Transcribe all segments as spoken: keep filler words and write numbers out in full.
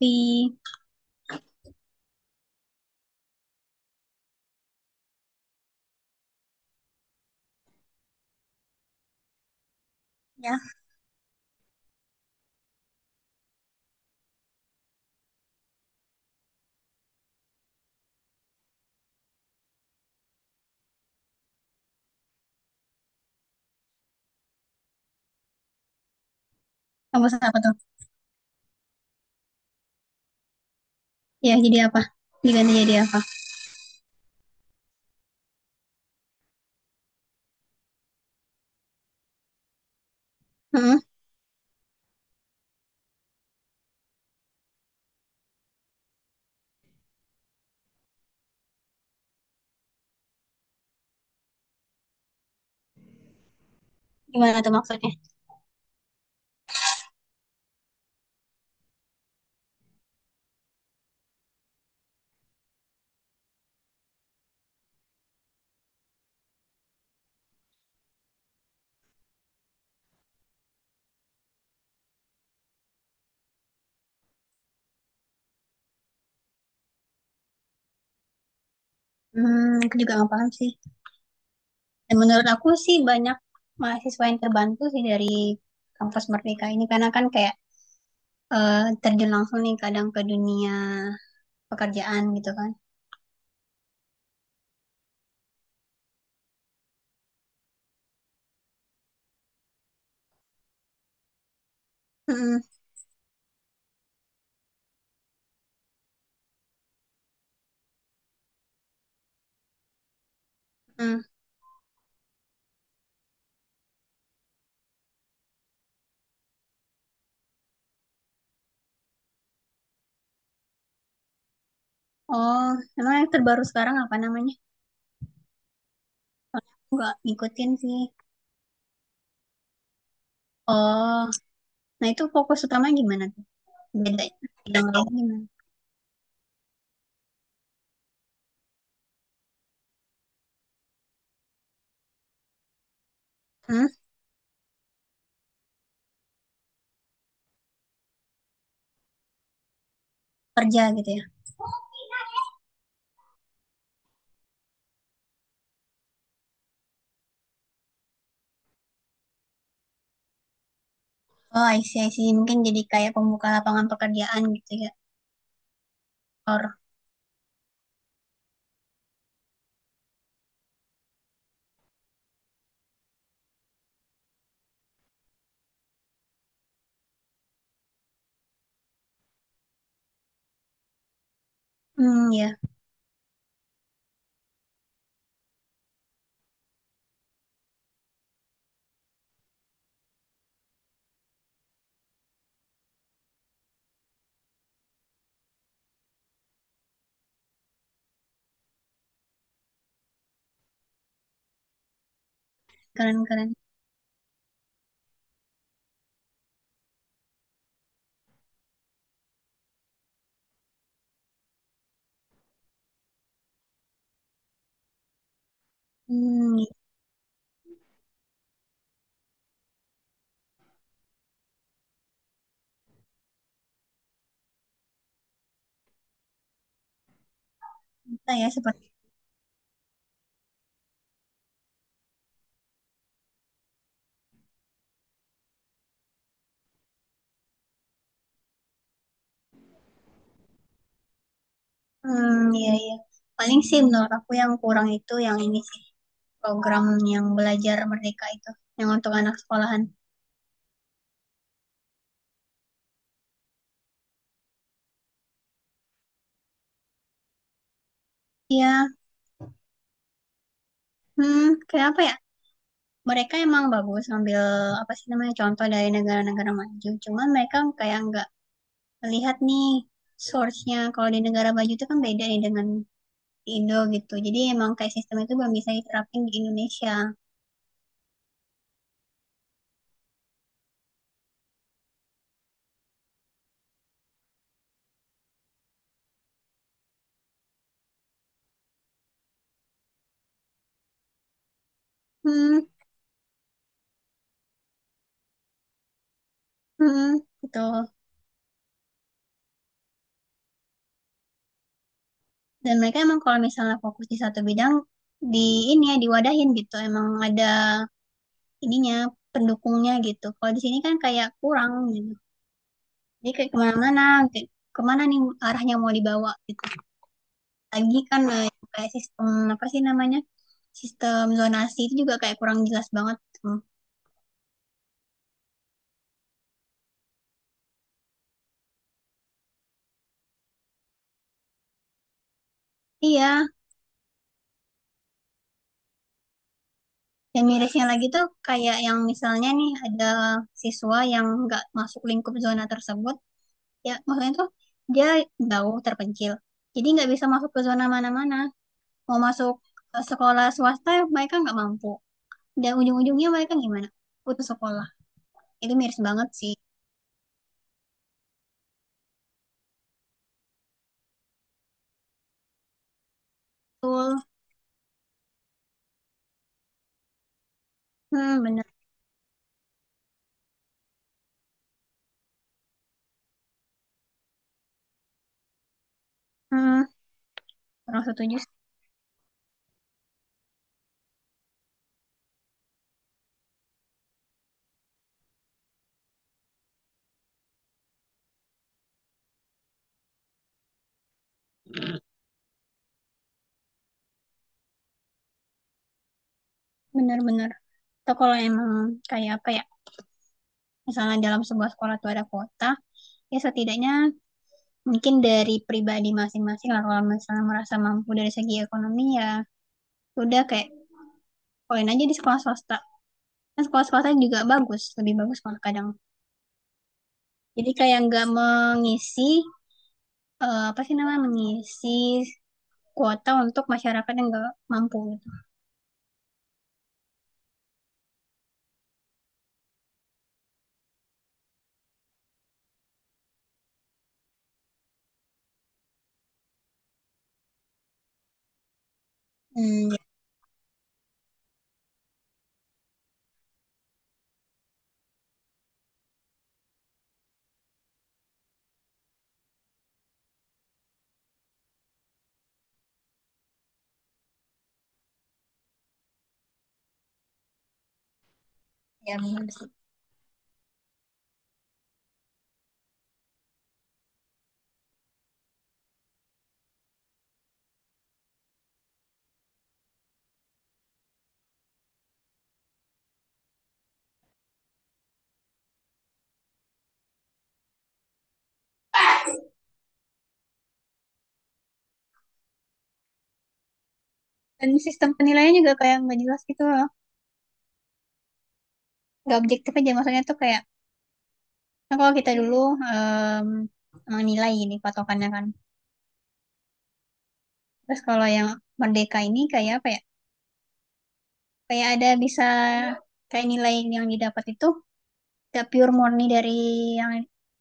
di Ya. Kampus apa tuh? Ya, jadi apa? Diganti jadi apa? Hmm, gimana tuh maksudnya? Hmm, aku juga nggak paham sih. Dan menurut aku sih banyak mahasiswa yang terbantu sih dari kampus Merdeka ini karena kan kayak eh, terjun langsung nih kadang ke dunia pekerjaan gitu kan. Hmm. Hmm. Oh, emang yang terbaru sekarang apa namanya? Nggak ngikutin sih. Oh, nah itu fokus utama gimana tuh? Bedanya? Bidang lain gimana? Hmm, kerja gitu ya? Oh, I see, I see. Mungkin jadi kayak pembuka lapangan pekerjaan gitu ya. Or, hmm, ya, keren-keren. Hmm, gitu bisa ya seperti. Hmm, iya, iya. Paling sih menurut aku yang kurang itu yang ini sih program yang belajar merdeka itu, yang untuk anak sekolahan. Iya, hmm, kayak apa ya? Mereka emang bagus ngambil apa sih namanya contoh dari negara-negara maju. Cuman mereka kayak nggak melihat nih source-nya. Kalau di negara maju itu kan beda nih dengan Indo gitu. Jadi emang kayak sistem itu belum bisa diterapin di Indonesia. Hmm, hmm, gitu. Dan mereka emang kalau misalnya fokus di satu bidang di ini ya diwadahin gitu. Emang ada ininya pendukungnya gitu. Kalau di sini kan kayak kurang gitu. Jadi kayak kemana-mana, kayak kemana nih arahnya mau dibawa gitu. Lagi kan eh, kayak sistem apa sih namanya? Sistem zonasi itu juga kayak kurang jelas banget. Hmm. Iya, dan mirisnya lagi tuh kayak yang misalnya nih ada siswa yang nggak masuk lingkup zona tersebut, ya maksudnya tuh dia jauh terpencil. Jadi nggak bisa masuk ke zona mana-mana. Mau masuk ke sekolah swasta mereka nggak mampu. Dan ujung-ujungnya mereka gimana? Putus sekolah. Itu miris banget sih. Betul. Hmm, bener. Hmm, kurang setuju sih. Bener-bener. Atau kalau emang kayak apa ya? Misalnya dalam sebuah sekolah tuh ada kota, ya setidaknya mungkin dari pribadi masing-masing lah kalau misalnya merasa mampu dari segi ekonomi ya udah kayak poin aja di sekolah swasta kan sekolah swasta juga bagus lebih bagus malah kadang jadi kayak nggak mengisi eh, apa sih namanya mengisi kuota untuk masyarakat yang nggak mampu gitu. Hmm, ya, ya benar sih. Dan sistem penilaian juga kayak nggak jelas gitu loh, nggak objektif aja, maksudnya tuh kayak kan kalau kita dulu em, menilai ini patokannya kan. Terus kalau yang merdeka ini kayak apa ya, kayak ada bisa kayak nilai yang didapat itu gak pure murni dari yang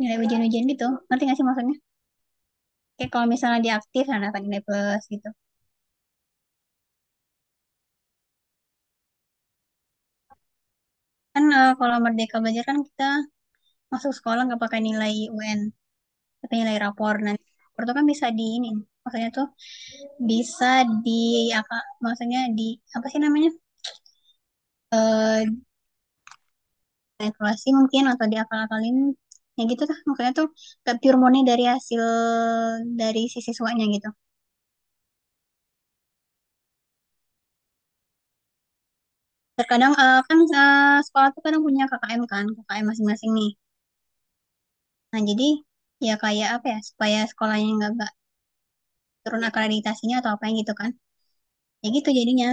nilai ujian-ujian gitu, ngerti gak sih maksudnya, kayak kalau misalnya dia aktif nah dapat nilai plus gitu. Kan eh, kalau merdeka belajar kan kita masuk sekolah nggak pakai nilai U N tapi nilai rapor, nah rapor itu kan bisa di ini, maksudnya tuh bisa di apa, maksudnya di apa sih namanya, eh evaluasi mungkin atau diakal-akalin, ya gitu tuh maksudnya tuh gak pure murni dari hasil dari si siswanya gitu. Terkadang eh, kan eh, sekolah tuh kadang punya K K M kan, K K M masing-masing nih. Nah jadi ya kayak apa ya supaya sekolahnya nggak nggak turun akreditasinya atau apa yang gitu kan. Ya gitu jadinya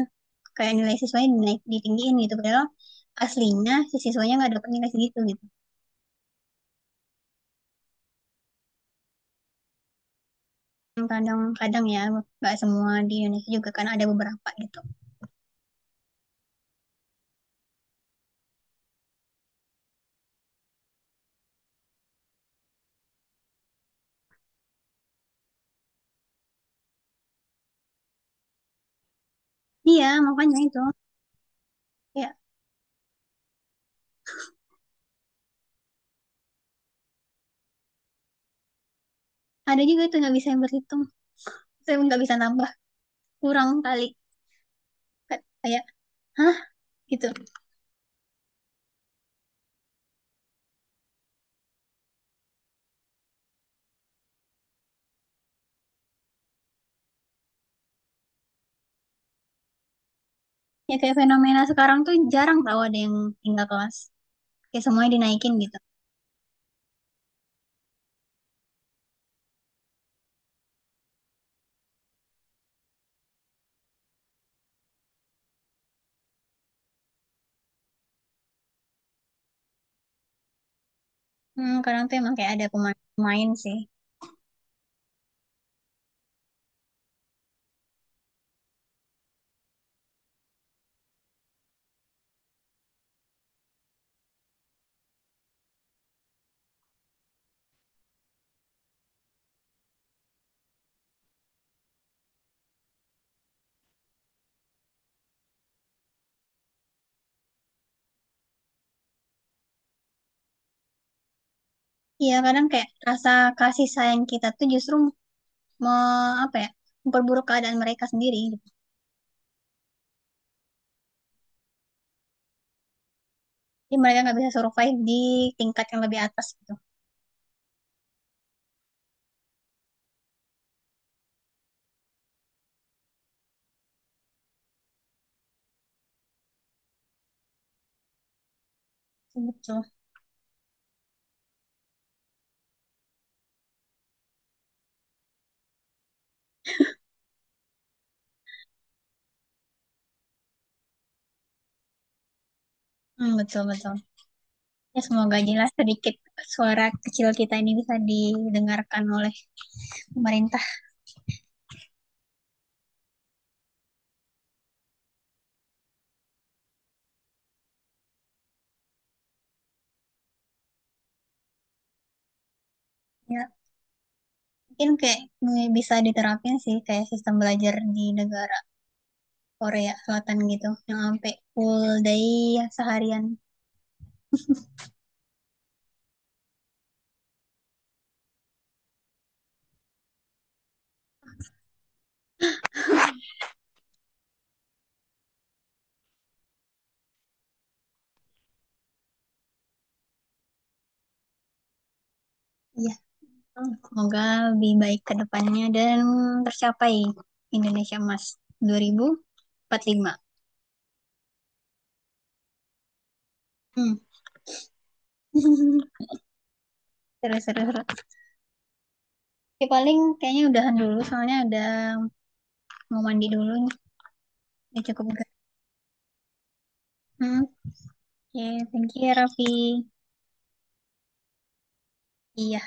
kayak nilai siswanya dinaik, ditinggiin gitu. Padahal aslinya si siswanya nggak dapet nilai segitu gitu. Kadang-kadang ya nggak semua di Indonesia juga, kan ada beberapa gitu. Iya makanya itu, ya ada juga itu nggak bisa yang berhitung, saya nggak bisa nambah kurang kali. Kayak, hah, gitu. Ya kayak fenomena sekarang tuh jarang tau ada yang tinggal kelas. Kayak semuanya dinaikin gitu. Hmm, kadang tuh emang kayak ada pemain-pemain sih. Iya kadang kayak rasa kasih sayang kita tuh justru me, apa ya, memperburuk keadaan mereka sendiri. Gitu. Jadi mereka nggak bisa survive di tingkat yang lebih atas gitu. Betul. Hmm, betul, betul. Ya semoga jelas sedikit, suara kecil kita ini bisa didengarkan oleh pemerintah. Ya, mungkin kayak eh, bisa diterapin sih kayak sistem belajar di negara Korea Selatan gitu yang sampai full day ya, seharian. Iya, semoga lebih baik ke depannya dan tercapai Indonesia Emas dua ribu empat puluh lima. Hmm. Seru, seru, seru. Ya, paling kayaknya udahan dulu soalnya udah mau mandi dulu nih. Udah cukup, enggak? Hmm. Oke, okay, thank you ya, Raffi. Iya.